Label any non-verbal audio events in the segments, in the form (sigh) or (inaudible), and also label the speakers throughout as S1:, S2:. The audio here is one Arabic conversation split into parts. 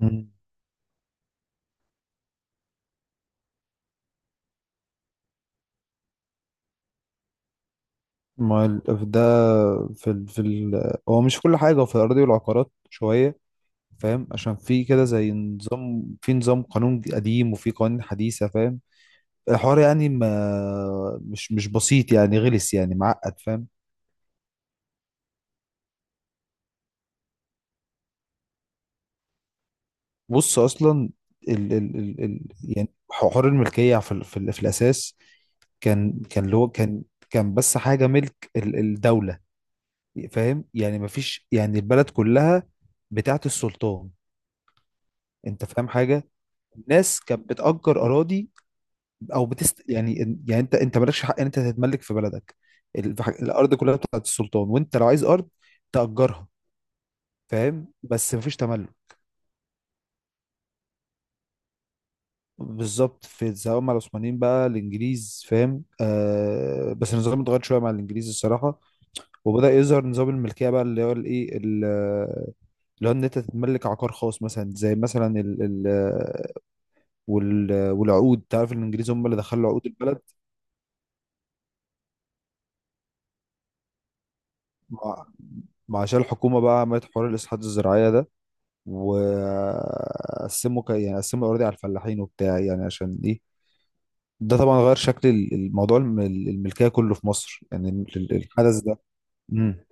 S1: مم. ما ده في هو مش كل حاجة، هو في الأراضي والعقارات شوية. فاهم؟ عشان في كده زي نظام، في نظام قانون قديم وفي قوانين حديثة. فاهم؟ الحوار يعني ما مش بسيط، يعني غلس، يعني معقد. فاهم؟ بص أصلا ال... ال... ال... ال... يعني حوار الملكية في الأساس كان كان اللي هو كان كان بس حاجة ملك الدولة. فاهم؟ يعني مفيش، يعني البلد كلها بتاعت السلطان. انت فاهم حاجة؟ الناس كانت بتأجر أراضي أو يعني. يعني أنت مالكش حق إن أنت تتملك في بلدك. الأرض كلها بتاعت السلطان، وأنت لو عايز أرض تأجرها. فاهم؟ بس مفيش تملك. بالظبط، في سواء مع العثمانيين بقى الإنجليز. فاهم؟ آه، بس النظام اتغير شوية مع الإنجليز الصراحة. وبدأ يظهر نظام الملكية بقى، اللي هو الإيه اللي هو إن أنت تتملك عقار خاص، مثلا زي مثلا ال ال والعقود. تعرف الإنجليز هم اللي دخلوا عقود البلد. مع مع عشان الحكومة بقى عملت حوار الإصلاحات الزراعية ده، وقسموا يعني قسموا الأراضي على الفلاحين وبتاع، يعني عشان إيه. ده طبعا غير شكل الموضوع، الملكية كله في مصر، يعني الحدث ده. مم.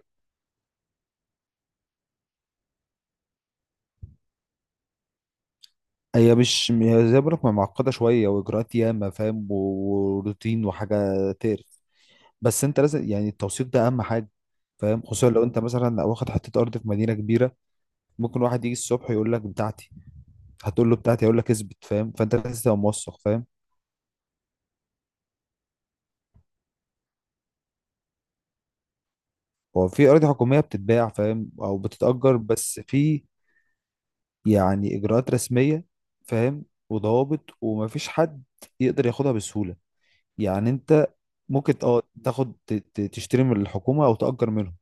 S1: هي مش، هي زي ما بقولك معقدة شوية، وإجراءات ياما فاهم، وروتين، وحاجة تقرف. بس أنت لازم يعني التوثيق ده أهم حاجة. فاهم؟ خصوصا لو انت مثلا واخد حته ارض في مدينه كبيره. ممكن واحد يجي الصبح يقول لك بتاعتي، هتقول له بتاعتي، هيقول لك اثبت. فاهم؟ فانت لازم تبقى موثق. فاهم؟ هو في أراضي حكومية بتتباع، فاهم؟ أو بتتأجر، بس في يعني إجراءات رسمية. فاهم؟ وضوابط، ومفيش حد يقدر ياخدها بسهولة. يعني أنت ممكن تاخد، تشتري من الحكومة أو تأجر منهم.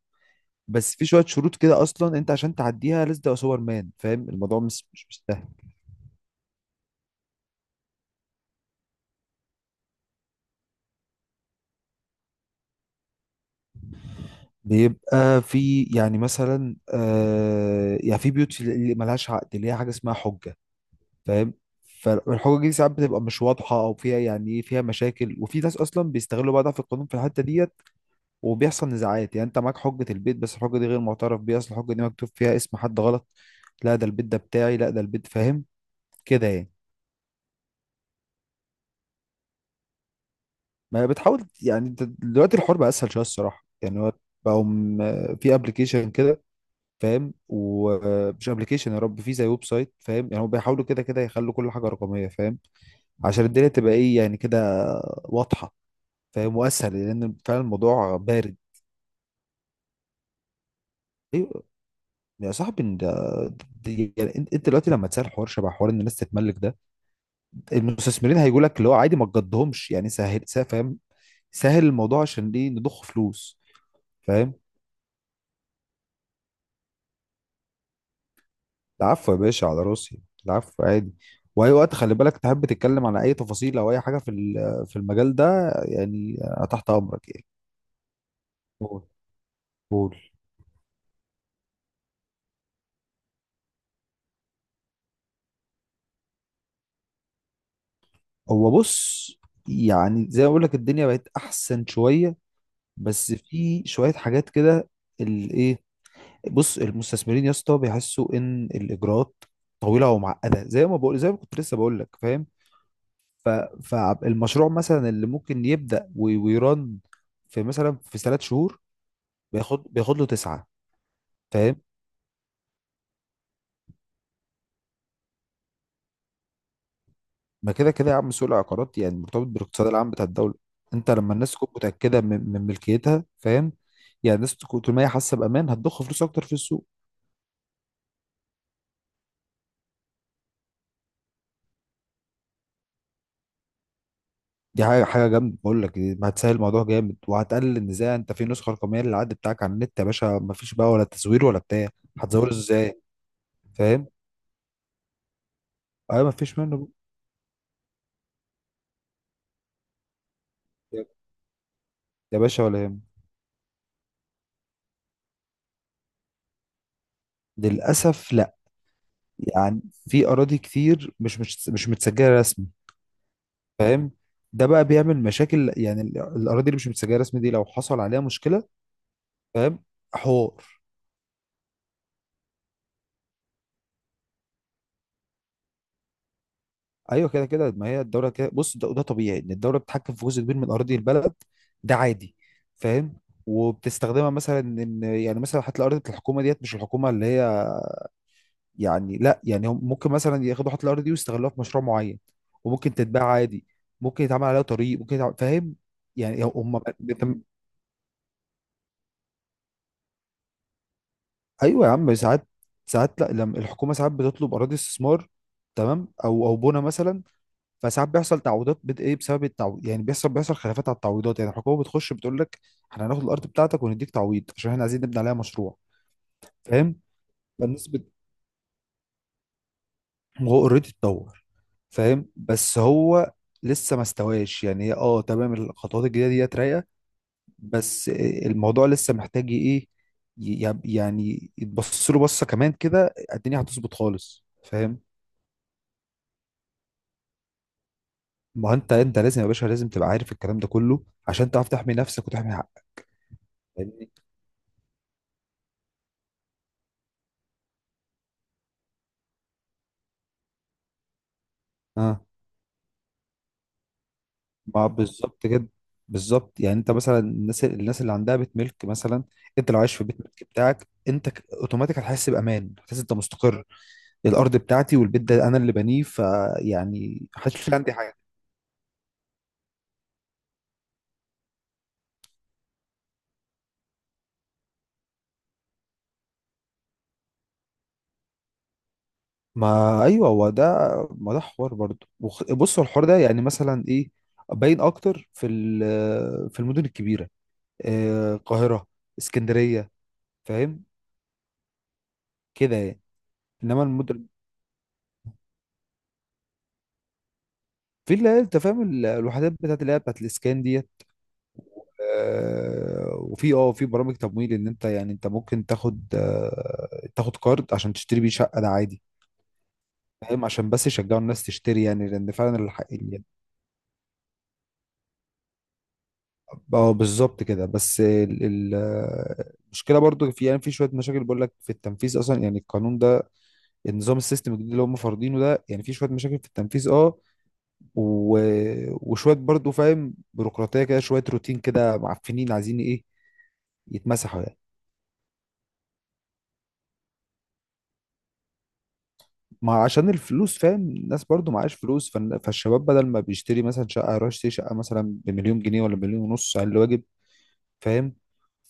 S1: بس في شوية شروط كده. أصلا أنت عشان تعديها لازم تبقى سوبر مان. فاهم؟ الموضوع مش سهل. بيبقى في يعني مثلا، يعني في بيوت اللي ملهاش عقد، اللي هي حاجة اسمها حجة. فاهم؟ فالحقوق دي ساعات بتبقى مش واضحه، او فيها يعني ايه، فيها مشاكل. وفي ناس اصلا بيستغلوا بقى ضعف القانون في الحته ديت. وبيحصل نزاعات. يعني انت معاك حجه البيت، بس الحجه دي غير معترف بيها، اصل الحجه دي مكتوب فيها اسم حد غلط. لا ده البيت ده بتاعي، لا ده البيت. فاهم كده يعني؟ ما بتحاول، يعني انت دلوقتي الحوار بقى اسهل شويه الصراحه. يعني هو بقوا في ابلكيشن كده. فاهم؟ ومش ابلكيشن يا رب، في زي ويب سايت. فاهم؟ يعني هم بيحاولوا كده كده يخلوا كل حاجه رقميه. فاهم؟ عشان الدنيا تبقى ايه يعني كده، واضحه. فاهم؟ واسهل، لان فعلا الموضوع بارد. ايوه يا صاحبي إن ده يعني انت، دلوقتي لما تسال حوار شبه حوار ان الناس تتملك ده، المستثمرين هيقول لك اللي هو عادي، ما تقضهمش. يعني سهل، فاهم؟ سهل الموضوع، عشان ايه؟ نضخ فلوس. فاهم؟ العفو يا باشا، على راسي، العفو عادي. واي وقت خلي بالك، تحب تتكلم عن اي تفاصيل او اي حاجه في المجال ده، يعني أنا تحت امرك يعني. قول، قول. هو بص، يعني زي ما بقول لك الدنيا بقت احسن شويه، بس في شوية حاجات كده، الايه. بص المستثمرين يا اسطى بيحسوا ان الاجراءات طويلة ومعقدة، زي ما بقول، زي ما كنت لسه بقول لك. فاهم؟ ف... فالمشروع مثلا اللي ممكن يبدأ ويرن في مثلا في 3 شهور، بياخد له 9. فاهم؟ ما كده كده يا عم، سوق العقارات يعني مرتبط بالاقتصاد العام بتاع الدولة. انت لما الناس تكون متأكدة من ملكيتها. فاهم؟ يعني الناس تكون طول ما هي حاسة بأمان، هتضخ فلوس اكتر في السوق. دي حاجة جامدة، بقول لك ما هتسهل الموضوع جامد، وهتقلل النزاع. انت في نسخة رقمية للعد بتاعك على النت يا باشا. ما فيش بقى ولا تزوير ولا بتاع، هتزوره ازاي؟ فاهم؟ ايوه ما فيش منه. يا باشا ولا يهم. للأسف لا. يعني في أراضي كتير مش متسجلة رسمي. فاهم؟ ده بقى بيعمل مشاكل. يعني الأراضي اللي مش متسجلة رسمي دي لو حصل عليها مشكلة، فاهم؟ حوار. ايوه كده كده، ما هي الدوله كده. بص ده طبيعي ان الدوله بتتحكم في جزء كبير من اراضي البلد. ده عادي. فاهم؟ وبتستخدمها مثلا، ان يعني مثلا حتى الارض بتاع الحكومه ديت، مش الحكومه اللي هي، يعني لا، يعني هم ممكن مثلا ياخدوا حتى الارض دي ويستغلوها في مشروع معين، وممكن تتباع عادي، ممكن يتعمل عليها طريق، ممكن يتعمل. فاهم؟ يعني هم ايوه يا عم ساعات. ساعات لا، لما الحكومه ساعات بتطلب اراضي استثمار، تمام، او بنى مثلا، فساعات بيحصل تعويضات ايه، بسبب التعويض يعني. بيحصل خلافات على التعويضات. يعني الحكومه بتخش بتقول لك احنا هناخد الارض بتاعتك ونديك تعويض، عشان احنا عايزين نبني عليها مشروع. فاهم؟ فالنسبه هو اوريدي اتطور. فاهم؟ بس هو لسه ما استواش. يعني هي تمام، الخطوات الجديده ديت رايقه، بس الموضوع لسه محتاج ايه، يعني يتبص له بصه كمان كده الدنيا هتظبط خالص. فاهم؟ ما هو انت، لازم يا باشا لازم تبقى عارف الكلام ده كله، عشان تعرف تحمي نفسك وتحمي حقك. فاهمني؟ اه، ما بالظبط كده. بالظبط، يعني انت مثلا الناس اللي عندها بيت ملك مثلا، انت لو عايش في بيت ملك بتاعك انت، اوتوماتيك هتحس بامان، هتحس انت مستقر. الارض بتاعتي والبيت ده انا اللي بنيه، فيعني محدش في عندي حاجه. ما ايوه، هو ده. ما ده حوار برضه، بص هو الحوار ده يعني مثلا ايه، باين اكتر في المدن الكبيره. آه، القاهره، اسكندريه. فاهم كده يعني؟ انما المدن في اللي هي انت فاهم الوحدات بتاعت اللي هي بتاعت الاسكان دي. آه، وفي اه في برامج تمويل، ان انت يعني ممكن تاخد، تاخد كارد عشان تشتري بيه شقه، ده عادي. فاهم؟ عشان بس يشجعوا الناس تشتري، يعني لان فعلا اه، بالظبط كده. بس آه، المشكله برضو في يعني، في شويه مشاكل بقول لك، في التنفيذ اصلا. يعني القانون ده، النظام السيستم الجديد اللي هم فارضينه ده، يعني في شويه مشاكل في التنفيذ. اه و... وشويه برضو فاهم، بيروقراطيه كده شويه، روتين كده، معفنين، عايزين ايه، يتمسحوا يعني. ما عشان الفلوس. فاهم؟ الناس برضو معاش فلوس. فالشباب بدل ما بيشتري مثلا شقة، يروح يشتري شقة مثلا بمليون جنيه ولا مليون ونص على الواجب. فاهم؟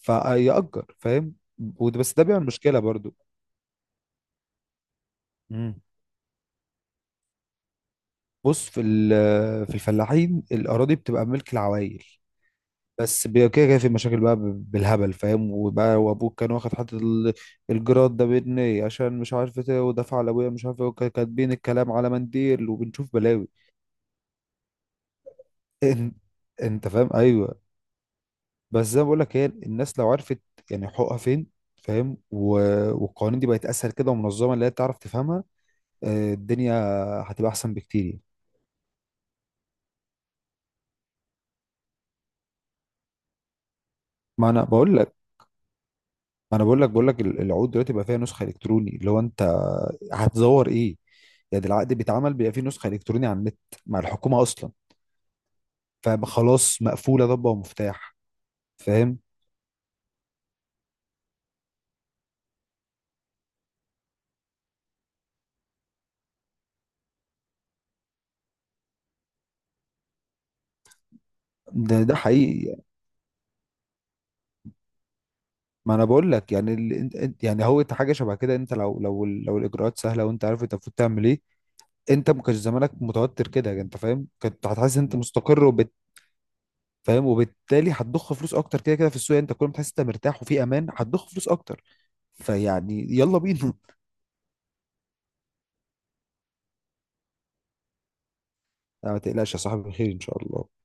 S1: فيأجر. فاهم؟ بس ده بيعمل مشكلة برضو. مم. بص في الفلاحين الأراضي بتبقى ملك العوائل. بس كده كده في مشاكل بقى، بالهبل. فاهم؟ وبقى وابوك كان واخد حتة الجراد ده بجنيه، عشان مش عارف ايه، ودفع لابويا مش عارف ايه، كاتبين الكلام على منديل، وبنشوف بلاوي. إن- انت فاهم؟ ايوه. بس زي ما بقول لك هي الناس لو عرفت يعني حقوقها فين، فاهم؟ والقوانين دي بقت اسهل كده، ومنظمه اللي هي تعرف تفهمها. آه، الدنيا هتبقى احسن بكتير يعني. ما انا بقول لك، العقود دلوقتي بقى فيها نسخه الكتروني، اللي هو انت هتزور ايه. يعني ده العقد بيتعمل، بيبقى فيه نسخه الكتروني على النت، مع الحكومه اصلا. فخلاص مقفوله ضبه ومفتاح. فاهم؟ ده حقيقي يعني. ما انا بقول لك، يعني يعني هو إنت حاجه شبه كده. انت لو الاجراءات سهله وانت عارف انت المفروض تعمل ايه، انت ما كانش زمانك متوتر كده يعني، انت فاهم؟ كنت هتحس ان انت مستقر وبت. فاهم؟ وبالتالي هتضخ فلوس اكتر كده كده في السوق. يعني انت كل ما تحس انت مرتاح وفي امان، هتضخ فلوس اكتر. فيعني يلا بينا. (laughs) لا، ما تقلقش يا صاحبي، خير ان شاء الله.